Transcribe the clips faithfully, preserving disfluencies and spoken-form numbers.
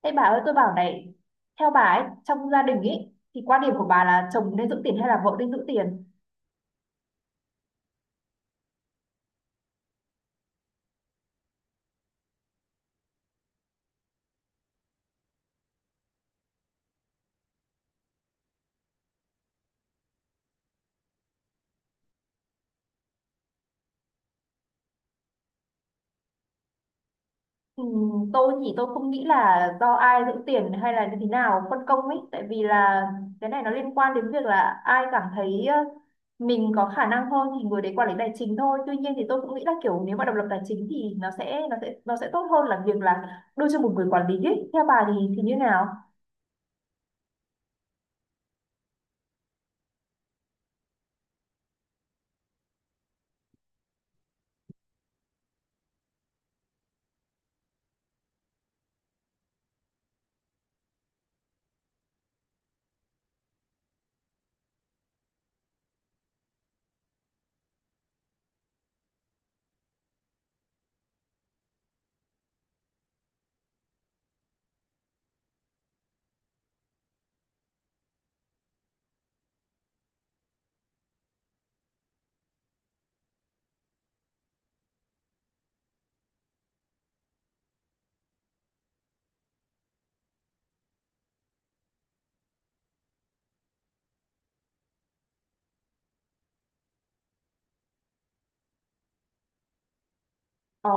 Ê bà ơi, tôi bảo này. Theo bà ấy, trong gia đình ấy, thì quan điểm của bà là chồng nên giữ tiền hay là vợ nên giữ tiền? Ừm, Tôi thì tôi không nghĩ là do ai giữ tiền hay là như thế nào phân công ấy. Tại vì là cái này nó liên quan đến việc là ai cảm thấy ờ, mình có khả năng hơn thì người đấy quản lý tài chính thôi. Tuy nhiên thì tôi cũng nghĩ là kiểu nếu mà độc lập tài chính thì nó sẽ nó sẽ nó sẽ tốt hơn là việc là đưa cho một người quản lý ấy. Theo bà thì thì như nào? Ồ,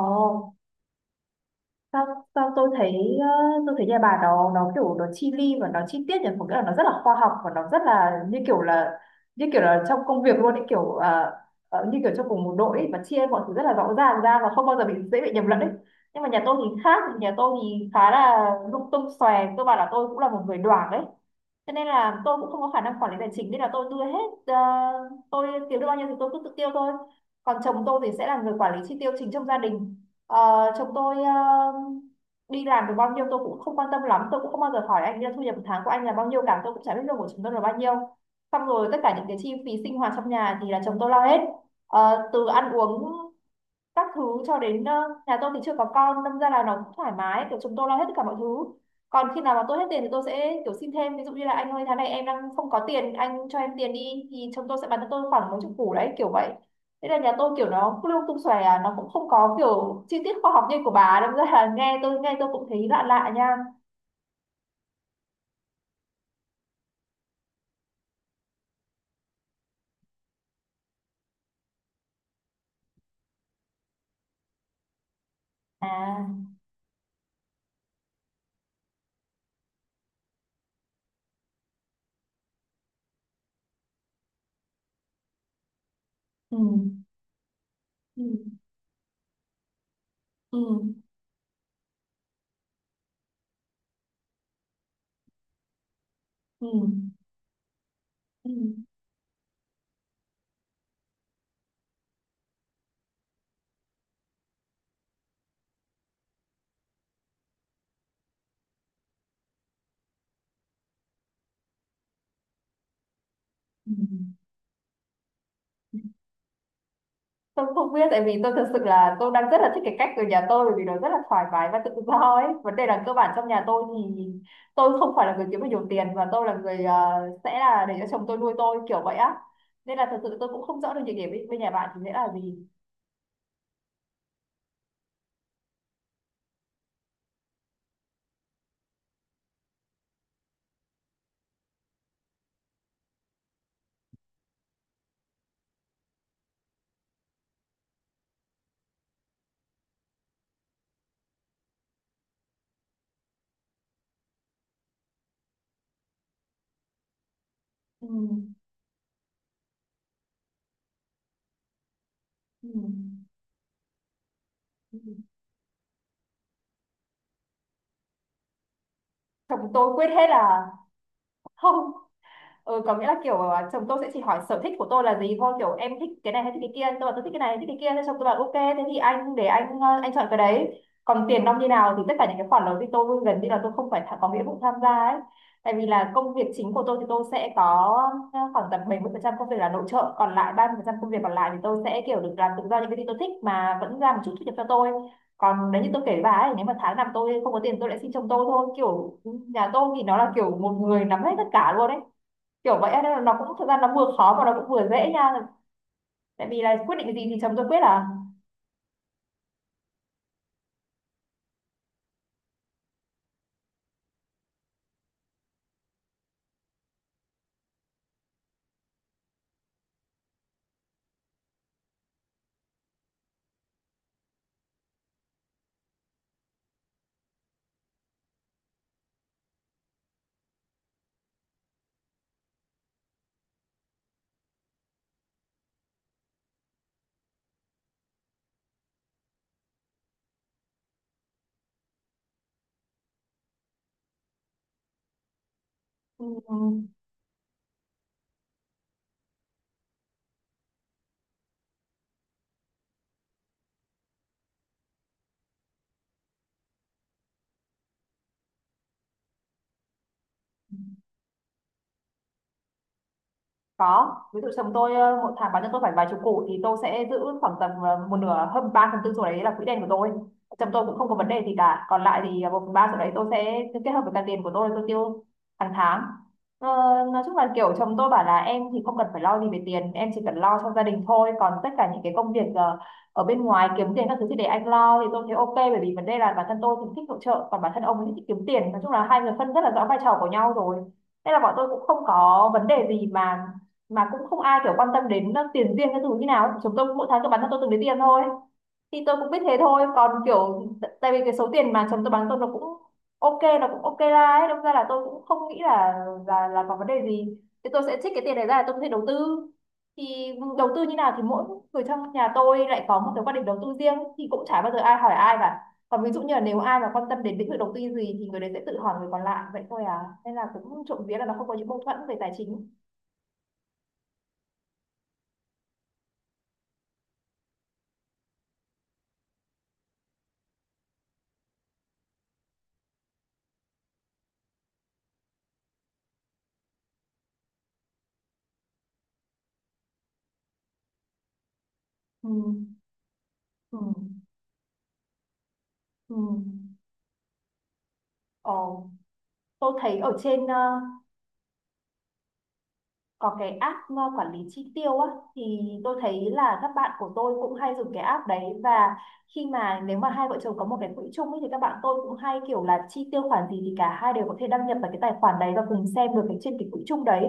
sao? Sao tôi thấy, ờ, tôi thấy nhà bà nó nó kiểu nó chi li và nó chi tiết nhỉ, một cái là nó rất là khoa học và nó rất là như kiểu là như kiểu là trong công việc luôn ấy, kiểu ờ, ờ, như kiểu trong cùng một đội ấy, và chia mọi thứ rất là rõ ràng ra và không bao giờ bị, dễ bị nhầm lẫn ấy. Nhưng mà nhà tôi thì khác, nhà tôi thì khá là lung tung xòe. Tôi bảo là tôi cũng là một người đoảng đấy, cho nên là tôi cũng không có khả năng quản lý tài chính, nên là tôi đưa hết. ờ, tôi kiếm được bao nhiêu thì tôi cứ tự tiêu thôi, còn chồng tôi thì sẽ là người quản lý chi tiêu chính trong gia đình. Ờ, Chồng tôi ờ, đi làm được bao nhiêu tôi cũng không quan tâm lắm, tôi cũng không bao giờ hỏi anh là thu nhập một tháng của anh là bao nhiêu cả, tôi cũng chả biết lương của chúng tôi là bao nhiêu. Xong rồi tất cả những cái chi phí sinh hoạt trong nhà thì là chồng tôi lo hết. Ờ, từ ăn uống các thứ cho đến ờ, nhà tôi thì chưa có con, đâm ra là nó cũng thoải mái, kiểu chúng tôi lo hết tất cả mọi thứ. Còn khi nào mà tôi hết tiền thì tôi sẽ kiểu xin thêm, ví dụ như là anh ơi tháng này em đang không có tiền anh cho em tiền đi, thì chồng tôi sẽ bán cho tôi khoảng mấy chục củ đấy, kiểu vậy. Thế là nhà tôi kiểu nó lung tung xòe à, nó cũng không có kiểu chi tiết khoa học như của bà, đâm ra là nghe tôi nghe tôi cũng thấy lạ lạ nha. À. Ừ. Ừ. Ừ. Ừ. Ừ. Ừ. Ừ. Tôi không biết, tại vì tôi thực sự là tôi đang rất là thích cái cách ở nhà tôi bởi vì nó rất là thoải mái và tự do ấy. Vấn đề là cơ bản trong nhà tôi thì tôi không phải là người kiếm được nhiều tiền, và tôi là người ờ, sẽ là để cho chồng tôi nuôi tôi kiểu vậy á. Nên là thật sự tôi cũng không rõ được nhược điểm bên bên nhà bạn thì sẽ là gì. Ừ. Ừ. Ừ. Chồng tôi quyết hết là không. Ừ, có nghĩa là kiểu à, chồng tôi sẽ chỉ hỏi sở thích của tôi là gì thôi, kiểu em thích cái này hay thích cái kia, tôi bảo tôi thích cái này thích cái kia, thế chồng tôi bảo ok thế thì anh để anh, ờ, anh chọn cái đấy, còn tiền nong như nào thì tất cả những cái khoản đó thì tôi gần như là tôi không phải tha- có nghĩa vụ tham gia ấy. Tại vì là công việc chính của tôi thì tôi sẽ có ờ, khoảng tầm bảy mươi phần trăm công việc là nội trợ, còn lại ba mươi phần trăm công việc còn lại thì tôi sẽ kiểu được làm tự do những cái gì tôi thích mà vẫn ra một chút thu nhập cho tôi. Còn nếu như tôi kể với bà ấy, nếu mà tháng nào tôi không có tiền tôi lại xin chồng tôi thôi, kiểu ừ, nhà tôi thì nó là kiểu một người nắm hết tất cả luôn ấy, kiểu vậy á. Nên là nó cũng thực ra nó vừa khó mà nó cũng vừa dễ nha, tại vì là quyết định gì thì chấm rồi quyết à. Ừ. Có, ví dụ chồng tôi ờ, một tháng bán cho tôi phải vài chục củ, thì tôi sẽ giữ khoảng tầm ờ, một nửa hơn, ba phần tư số đấy là quỹ đen của tôi. Chồng tôi cũng không có vấn đề gì cả, còn lại thì ờ, một phần ba số đấy tôi sẽ kết hợp với cả tiền của tôi tôi tiêu hàng tháng. ờ, nói chung là kiểu chồng tôi bảo là em thì không cần phải lo gì về tiền, em chỉ cần lo cho gia đình thôi, còn tất cả những cái công việc ờ, ở bên ngoài kiếm tiền các thứ thì để anh lo, thì tôi thấy ok. Bởi vì vấn đề là bản thân tôi thì thích hỗ trợ, còn bản thân ông ấy thì thích kiếm tiền, nói chung là hai người phân rất là rõ vai trò của nhau rồi. Nên là bọn tôi cũng không có vấn đề gì, mà mà cũng không ai kiểu quan tâm đến uh, tiền riêng cái thứ như nào, chúng tôi mỗi tháng tôi bán cho tôi từng đấy tiền thôi. Thì tôi cũng biết thế thôi, còn kiểu t- tại vì cái số tiền mà chồng tôi bán tôi nó cũng ok, nó cũng ok ra ấy, đâm ra là tôi cũng không nghĩ là là là có vấn đề gì. Thì tôi sẽ trích cái tiền này ra để tôi có thể đầu tư, thì đầu tư như nào thì mỗi người trong nhà tôi lại có một cái quan điểm đầu tư riêng, thì cũng chả bao giờ ai hỏi ai cả. Còn ví dụ như là nếu ai mà quan tâm đến lĩnh vực đầu tư gì thì người đấy sẽ tự hỏi người còn lại vậy thôi à. Nên là cũng trộm vía là nó không có những mâu thuẫn về tài chính. Ừ. Ừ. Ừ. Ồ, tôi thấy ở trên ờ, có cái app ờ, quản lý chi tiêu á. Thì tôi thấy là các bạn của tôi cũng hay dùng cái app đấy, và khi mà nếu mà hai vợ chồng có một cái quỹ chung ấy, thì các bạn tôi cũng hay kiểu là chi tiêu khoản gì thì cả hai đều có thể đăng nhập vào cái tài khoản đấy và cùng xem được cái trên cái quỹ chung đấy.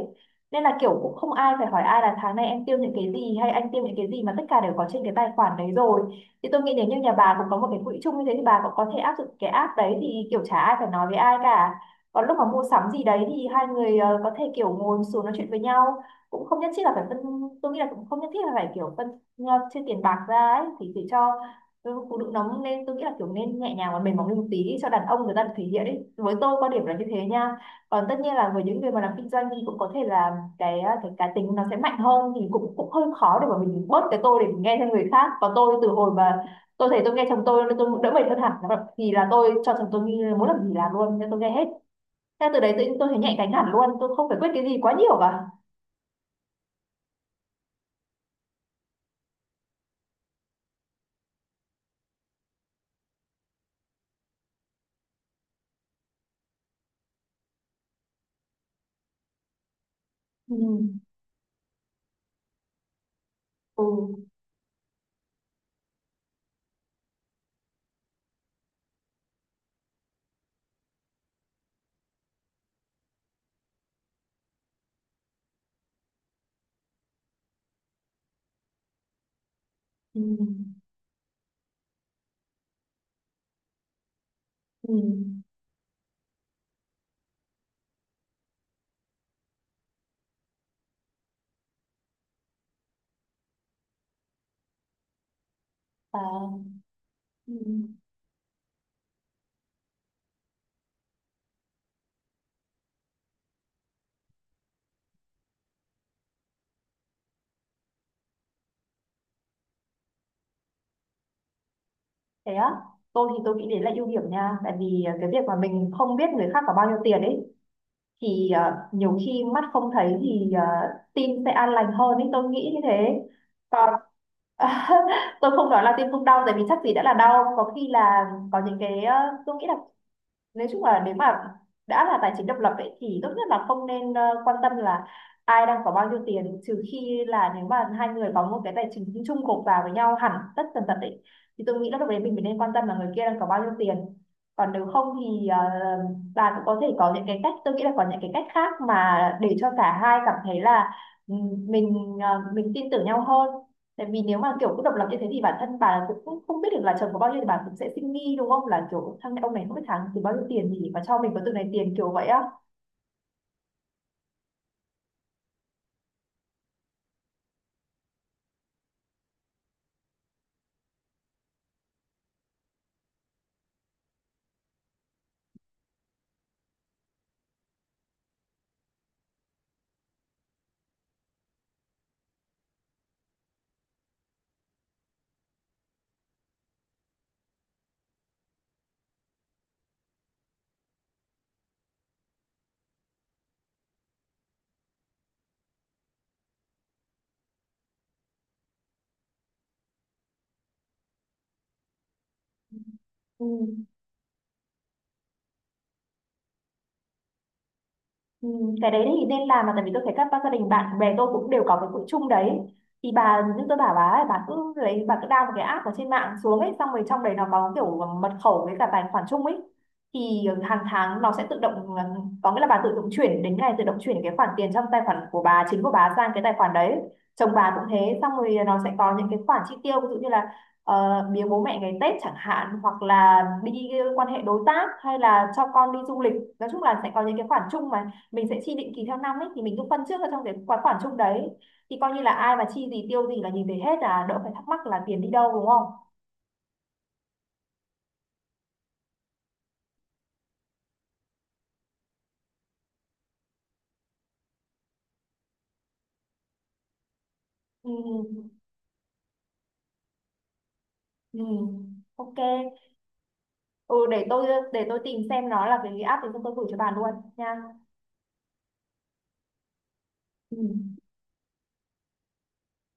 Nên là kiểu cũng không ai phải hỏi ai là tháng này em tiêu những cái gì hay anh tiêu những cái gì, mà tất cả đều có trên cái tài khoản đấy rồi. Thì tôi nghĩ nếu như nhà bà cũng có một cái quỹ chung như thế thì bà cũng có thể áp dụng cái app đấy, thì kiểu chả ai phải nói với ai cả. Còn lúc mà mua sắm gì đấy thì hai người ờ, có thể kiểu ngồi xuống nói chuyện với nhau, cũng không nhất thiết là phải phân, tôi nghĩ là cũng không nhất thiết là phải kiểu phân ờ, chia tiền bạc ra ấy, thì để cho ừ, phụ nữ nóng nên tôi nghĩ là kiểu nên nhẹ nhàng và mềm mỏng lên một tí đi, cho đàn ông người ta được thể hiện ấy, với tôi quan điểm là như thế nha. Còn tất nhiên là với những người mà làm kinh doanh thì cũng có thể là cái ờ, cái cá tính nó sẽ mạnh hơn, thì cũng cũng hơi khó để mà mình bớt cái tôi để mình nghe theo người khác. Còn tôi từ hồi mà tôi thấy tôi nghe chồng tôi nên tôi đỡ mệt hơn hẳn. Thì là tôi cho chồng tôi như muốn làm gì làm luôn nên tôi nghe hết theo, từ đấy tự nhiên tôi thấy nhạy cánh hẳn luôn, tôi không phải quyết cái gì quá nhiều cả. Ừ, ừ, ừ, ừ, à, ừ. Thế á, tôi thì tôi nghĩ đấy là ưu điểm nha. Tại vì à, cái việc mà mình không biết người khác có bao nhiêu tiền ấy, thì à, nhiều khi mắt không thấy thì à, tim sẽ an lành hơn ấy, tôi nghĩ như thế. Còn tôi không nói là tim không đau, tại vì chắc gì đã là đau. Có khi là có những cái, à, tôi nghĩ là nói chung là nếu mà đã là tài chính độc lập ấy, thì tốt nhất là không nên ờ, quan tâm là ai đang có bao nhiêu tiền, trừ khi là nếu mà hai người có một cái tài chính chung gộp vào với nhau hẳn tất tần tật ấy, thì tôi nghĩ là lúc đấy mình mới nên quan tâm là người kia đang có bao nhiêu tiền. Còn nếu không thì ờ, bà cũng có thể có những cái cách, tôi nghĩ là có những cái cách khác mà để cho cả hai cảm thấy là ừ, mình ờ, mình tin tưởng nhau hơn. Tại vì nếu mà kiểu cứ độc lập như thế thì bản thân bà cũng không biết được là chồng có bao nhiêu, thì bà cũng sẽ suy nghĩ đúng không, là kiểu thằng ông này không biết tháng thì bao nhiêu tiền thì mà cho mình có từng này tiền, kiểu vậy á. Ừ. Ừ, cái đấy thì nên làm mà, tại vì tôi thấy các ba gia đình bạn bè tôi cũng đều có cái quỹ chung đấy. Thì bà, như tôi bảo bà ấy, bà cứ lấy, bà cứ down một cái app ở trên mạng xuống ấy, xong rồi trong đấy nó có kiểu mật khẩu với cả tài khoản chung ấy. Thì ờ, hàng tháng nó sẽ tự động ờ, có nghĩa là bà tự động chuyển, đến ngày tự động chuyển cái khoản tiền trong tài khoản của bà chính của bà sang cái tài khoản đấy. Chồng bà cũng thế. Xong rồi nó sẽ có những cái khoản chi tiêu, ví dụ như là uh, biếu bố mẹ ngày Tết chẳng hạn, hoặc là đi ờ, quan hệ đối tác, hay là cho con đi du lịch. Nói chung là sẽ có những cái khoản chung mà mình sẽ chi định kỳ theo năm ấy, thì mình cứ phân trước vào trong cái khoản khoản chung đấy. Thì coi như là ai mà chi gì tiêu gì là nhìn thấy hết, là đỡ phải thắc mắc là tiền đi đâu đúng không. Ừ, ừ, ok. Ừ, để tôi để tôi tìm xem nó là cái app thì tôi gửi cho bà luôn nha. Ừ.